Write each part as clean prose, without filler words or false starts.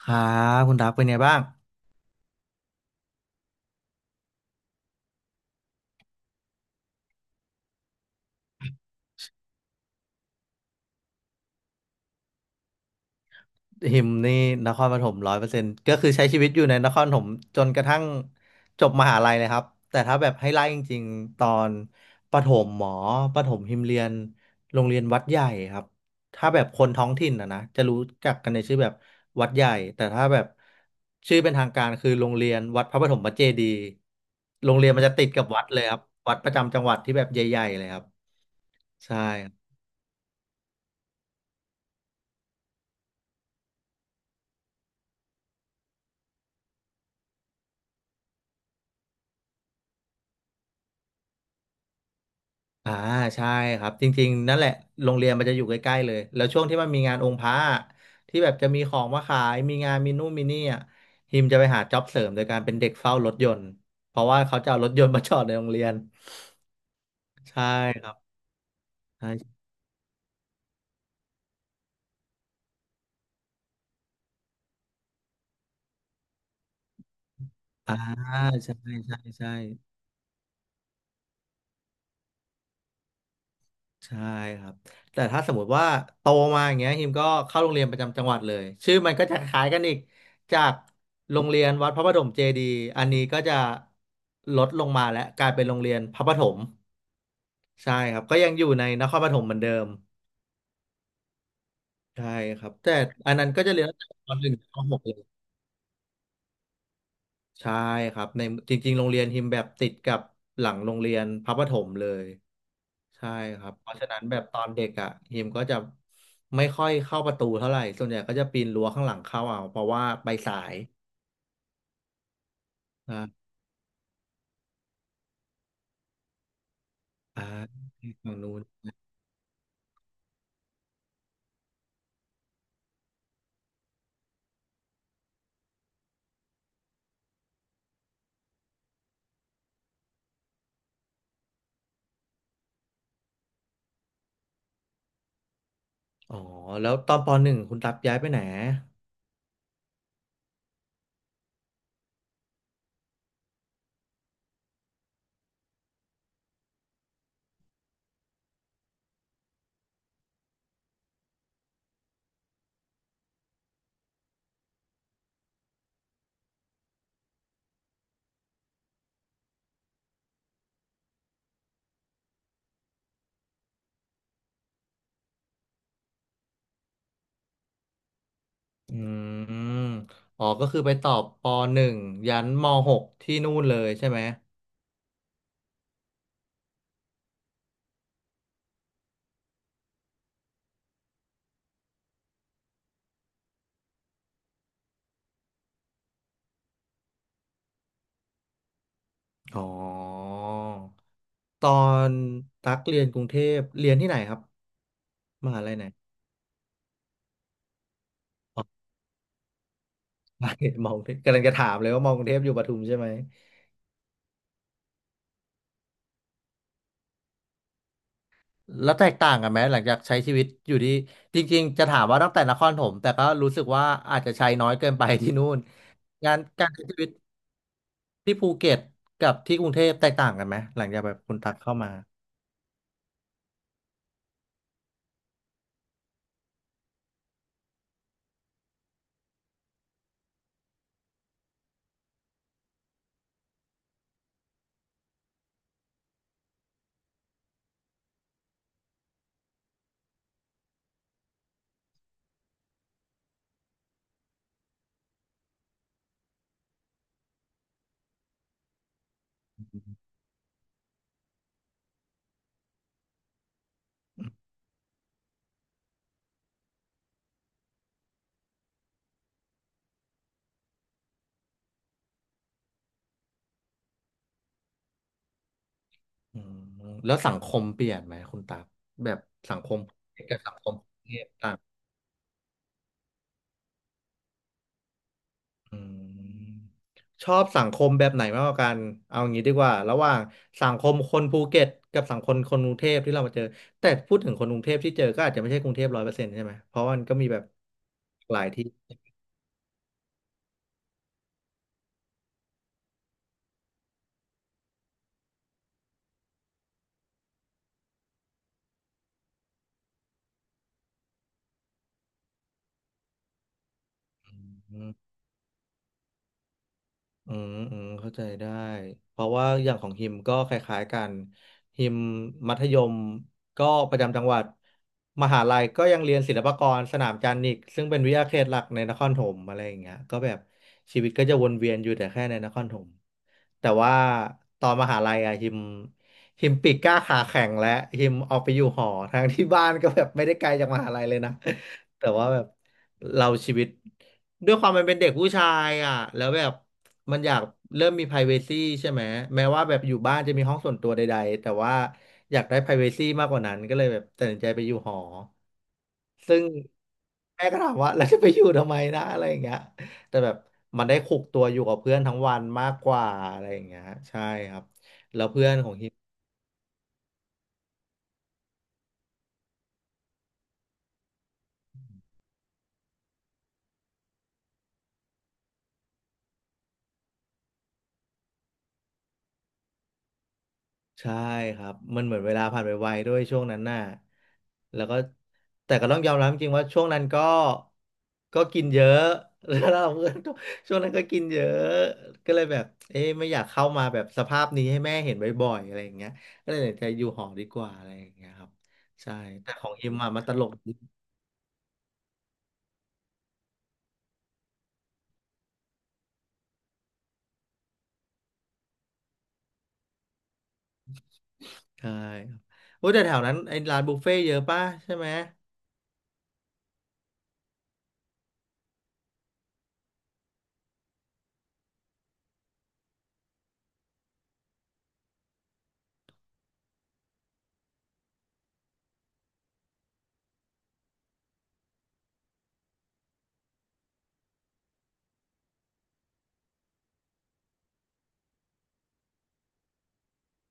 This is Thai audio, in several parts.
ครับคุณดับเป็นไงบ้างหิมนี่นครปฐมร้อยเปอร์เซ็นต์ก็คือใช้ชีวิตอยู่ในนครปฐมจนกระทั่งจบมหาลัยเลยครับแต่ถ้าแบบให้ไล่จริงๆตอนประถมหมอประถมหิมเรียนโรงเรียนวัดใหญ่ครับถ้าแบบคนท้องถิ่นนะจะรู้จักกันในชื่อแบบวัดใหญ่แต่ถ้าแบบชื่อเป็นทางการคือโรงเรียนวัดพระปฐมเจดีย์โรงเรียนมันจะติดกับวัดเลยครับวัดประจำจังหวัดที่แบบใหญ่ๆเลยครับใช่ อ่าใช่ครับจริงๆนั่นแหละโรงเรียนมันจะอยู่ใกล้ๆเลยแล้วช่วงที่มันมีงานองค์พระอะที่แบบจะมีของมาขายมีงานมีนู่นมีนี่อ่ะฮิมจะไปหาจ็อบเสริมโดยการเป็นเด็กเฝ้ารถยนต์เพราะว่าเขาจะเอารถยนต์มาจอดในโรงเรียนใช่ครับใช่อ่าใช่ใช่ใช่ ใช่ครับแต่ถ้าสมมติว่าโตมาอย่างเงี้ยฮิมก็เข้าโรงเรียนประจำจังหวัดเลยชื่อมันก็จะคล้ายกันอีกจากโรงเรียนวัดพระประถมเจดีย์อันนี้ก็จะลดลงมาและกลายเป็นโรงเรียนพระประถมใช่ครับก็ยังอยู่ในนครปฐมเหมือนเดิมใช่ครับแต่อันนั้นก็จะเรียนตั้งแต่ปหนึ่งถึงป.6เลยใช่ครับในจริงๆโรงเรียนฮิมแบบติดกับหลังโรงเรียนพระประถมเลย ใช่ครับเพราะฉะนั้นแบบตอนเด็กอ่ะฮิมก็จะไม่ค่อยเข้าประตูเท่าไหร่ส่วนใหญ่ก็จะปีนรั้วข้างหลังเข้าเอาเพราะว่าไปสายอ่าอ่าฝั่งนู้นอ๋อแล้วตอนปหนึ่งคุณตับย้ายไปไหนอืมอ๋อก็คือไปต่อปหนึ่งยันม.6ที่นู่นเลยใช่ไหมอ๋อตอนตักเรียนกรุงเทพเรียนที่ไหนครับมหาลัยไหนอ๋อ มองกรุงเทพกำลังจะถามเลยว่ามองกรุงเทพอยู่ปทุมใช่ไหม แล้วแตกต่างกันไหมหลังจากใช้ชีวิตอยู่ที่จริงๆจะถามว่าตั้งแต่นครปฐมแต่ก็รู้สึกว่าอาจจะใช้น้อยเกินไปที่นู่นงานการใช้ชีวิตที่ภูเก็ตกับที่กรุงเทพแตกต่างกันไหมหลังจากแบบคุณตักเข้ามาอืมแล้วสังคมเปลี่ยนไหมคุณตักแบบสังคมภูเก็ตกับสังคมกรุงเทพต่าง อืมชอบสังคมแบบไหนมากกว่ากันเอางี้ดีกว่าระหว่างสังคมคนภูเก็ตกับสังคมคนกรุงเทพที่เรามาเจอแต่พูดถึงคนกรุงเทพที่เจอก็อาจจะไม่ใช่กรุงเทพร้อยเปอร์เซ็นต์ใช่ไหมเพราะมันก็มีแบบหลายที่ อืมอืมเข้าใจได้เพราะว่าอย่างของฮิมก็คล้ายๆกันฮิมมัธยมก็ประจำจังหวัดมหาลัยก็ยังเรียนศิลปากรสนามจันทร์อีกซึ่งเป็นวิทยาเขตหลักในนครปฐมอะไรอย่างเงี้ยก็แบบชีวิตก็จะวนเวียนอยู่แต่แค่ในนครปฐมแต่ว่าตอนมหาลัยอะฮิมปีกกล้าขาแข็งและฮิมออกไปอยู่หอทั้งที่บ้านก็แบบไม่ได้ไกลจากมหาลัยเลยนะแต่ว่าแบบ เราชีวิตด้วยความมันเป็นเด็กผู้ชายอ่ะแล้วแบบมันอยากเริ่มมี privacy ใช่ไหมแม้ว่าแบบอยู่บ้านจะมีห้องส่วนตัวใดๆแต่ว่าอยากได้ privacy มากกว่านั้นก็เลยแบบตัดสินใจไปอยู่หอซึ่งแม่ก็ถามว่าเราจะไปอยู่ทำไมนะอะไรอย่างเงี้ยแต่แบบมันได้คุกตัวอยู่กับเพื่อนทั้งวันมากกว่าอะไรอย่างเงี้ยใช่ครับแล้วเพื่อนของเฮีย ใช่ครับมันเหมือนเวลาผ่านไปไวด้วยช่วงนั้นน่ะแล้วก็แต่ก็ต้องยอมรับจริงๆว่าช่วงนั้นก็ก็กินเยอะ แล้วเราเพื่อนก็ช่วงนั้นก็กินเยอะก็เลยแบบเอ๊ะไม่อยากเข้ามาแบบสภาพนี้ให้แม่เห็นบ่อยๆอะไรอย่างเงี้ยก็เลยตัดสินใจอยู่หอดีกว่าอะไรอย่างเงี้ยครับใช่แต่ของอิมอะมันตลกดีใช่ครับโอ้ยแต่แถวนั้นไอ้ร้านบุฟเฟ่ต์เยอะป่ะใช่ไหม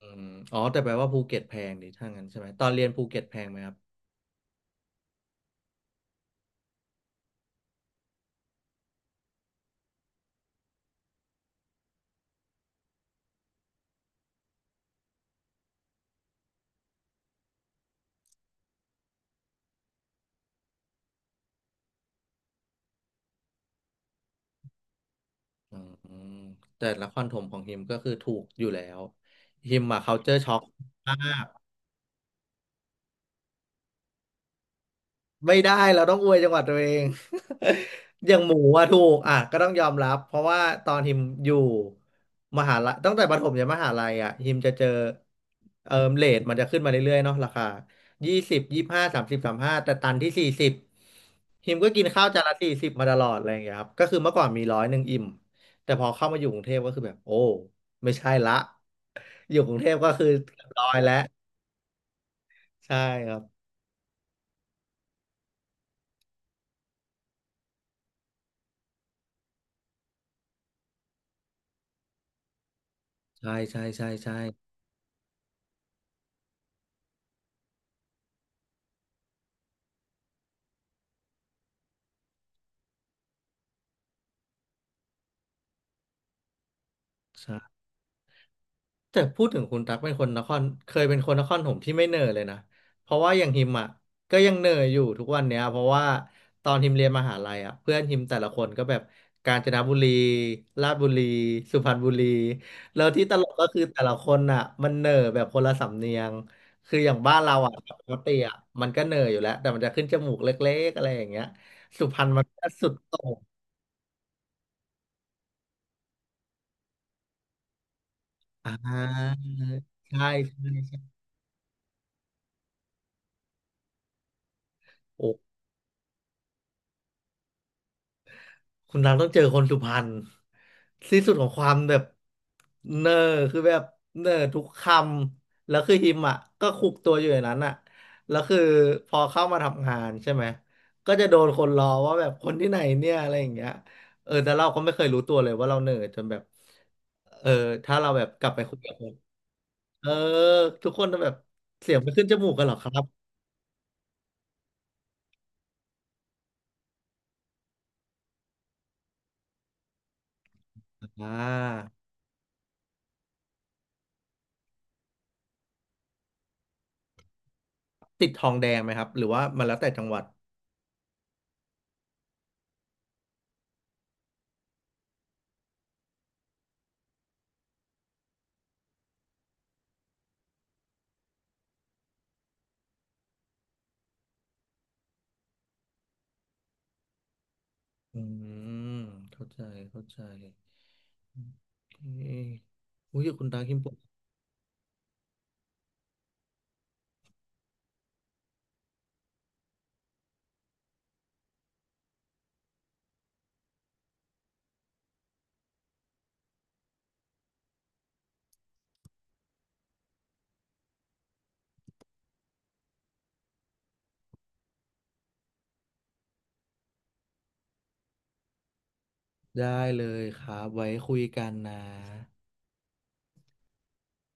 อืมอ๋อแต่แปลว่าภูเก็ตแพงดิถ้างั้นใช่ไหมตอนเรียนภูเก็ตแพงไหมครับ อืมแต่ละครถมของฮิมก็คือถูกอยู่แล้วฮิมอะ culture shock มากไม่ได้เราต้องอวยจังหวัดตัวเอง อย่างหมูอะถูกอ่ะก็ต้องยอมรับเพราะว่าตอนฮิมอยู่มหาลัยตั้งแต่ประถมยันมหาลัยอะฮิมจะเจอเรทมันจะขึ้นมาเรื่อยๆเนาะราคายี่สิบ253035แต่ตันที่สี่สิบฮิมก็กินข้าวจานละสี่สิบมาตลอดอะไรอย่างเงี้ยครับก็คือเมื่อก่อนมี100อิ่มแต่พอเข้ามาอยู่กรุงเทพก็คือแบบโอ้ไม่ใช่ละ อยู่กรุงเทพก็คือเรียบร้อยแล้วใช่ครับใช่ใช่ใช่ใช่ใช่แต่พูดถึงคุณตั๊กเป็นคนนครเคยเป็นคนนครผมที่ไม่เหน่อยเลยนะเพราะว่าอย่างฮิมอ่ะก็ยังเหน่อยอยู่ทุกวันเนี้ยเพราะว่าตอนฮิมเรียนมหาลัยอ่ะเพื่อนฮิมแต่ละคนก็แบบกาญจนบุรีราชบุรีสุพรรณบุรีแล้วที่ตลกก็คือแต่ละคนอ่ะมันเหน่อยแบบคนละสำเนียงคืออย่างบ้านเราอ่ะปกติอ่ะมันก็เหน่อยอยู่แล้วแต่มันจะขึ้นจมูกเล็กๆอะไรอย่างเงี้ยสุพรรณมันก็สุดโต่ง อ่าใช่ใช่ใช่โอ้คุณรังต้องเจอคนสุพรรณที่สุดของความแบบเนอร์คือแบบเนอร์ทุกคำแล้วคือฮิมอ่ะก็คุกตัวอยู่อย่างนั้นอ่ะแล้วคือพอเข้ามาทำงานใช่ไหมก็จะโดนคนล้อว่าแบบคนที่ไหนเนี่ยอะไรอย่างเงี้ยเออแต่เราก็ไม่เคยรู้ตัวเลยว่าเราเนอร์จนแบบเออถ้าเราแบบกลับไปคุยกับคนเออทุกคนจะแบบเสียงไปขึ้นจมูกกันเหรอครับอ่า ติดทองแดงไหมครับหรือว่ามันแล้วแต่จังหวัดอืมเข้าใจเข้าใจโอเคอุ้ยคุณตาคิมปวดได้เลยครับไว้คุยกันนะ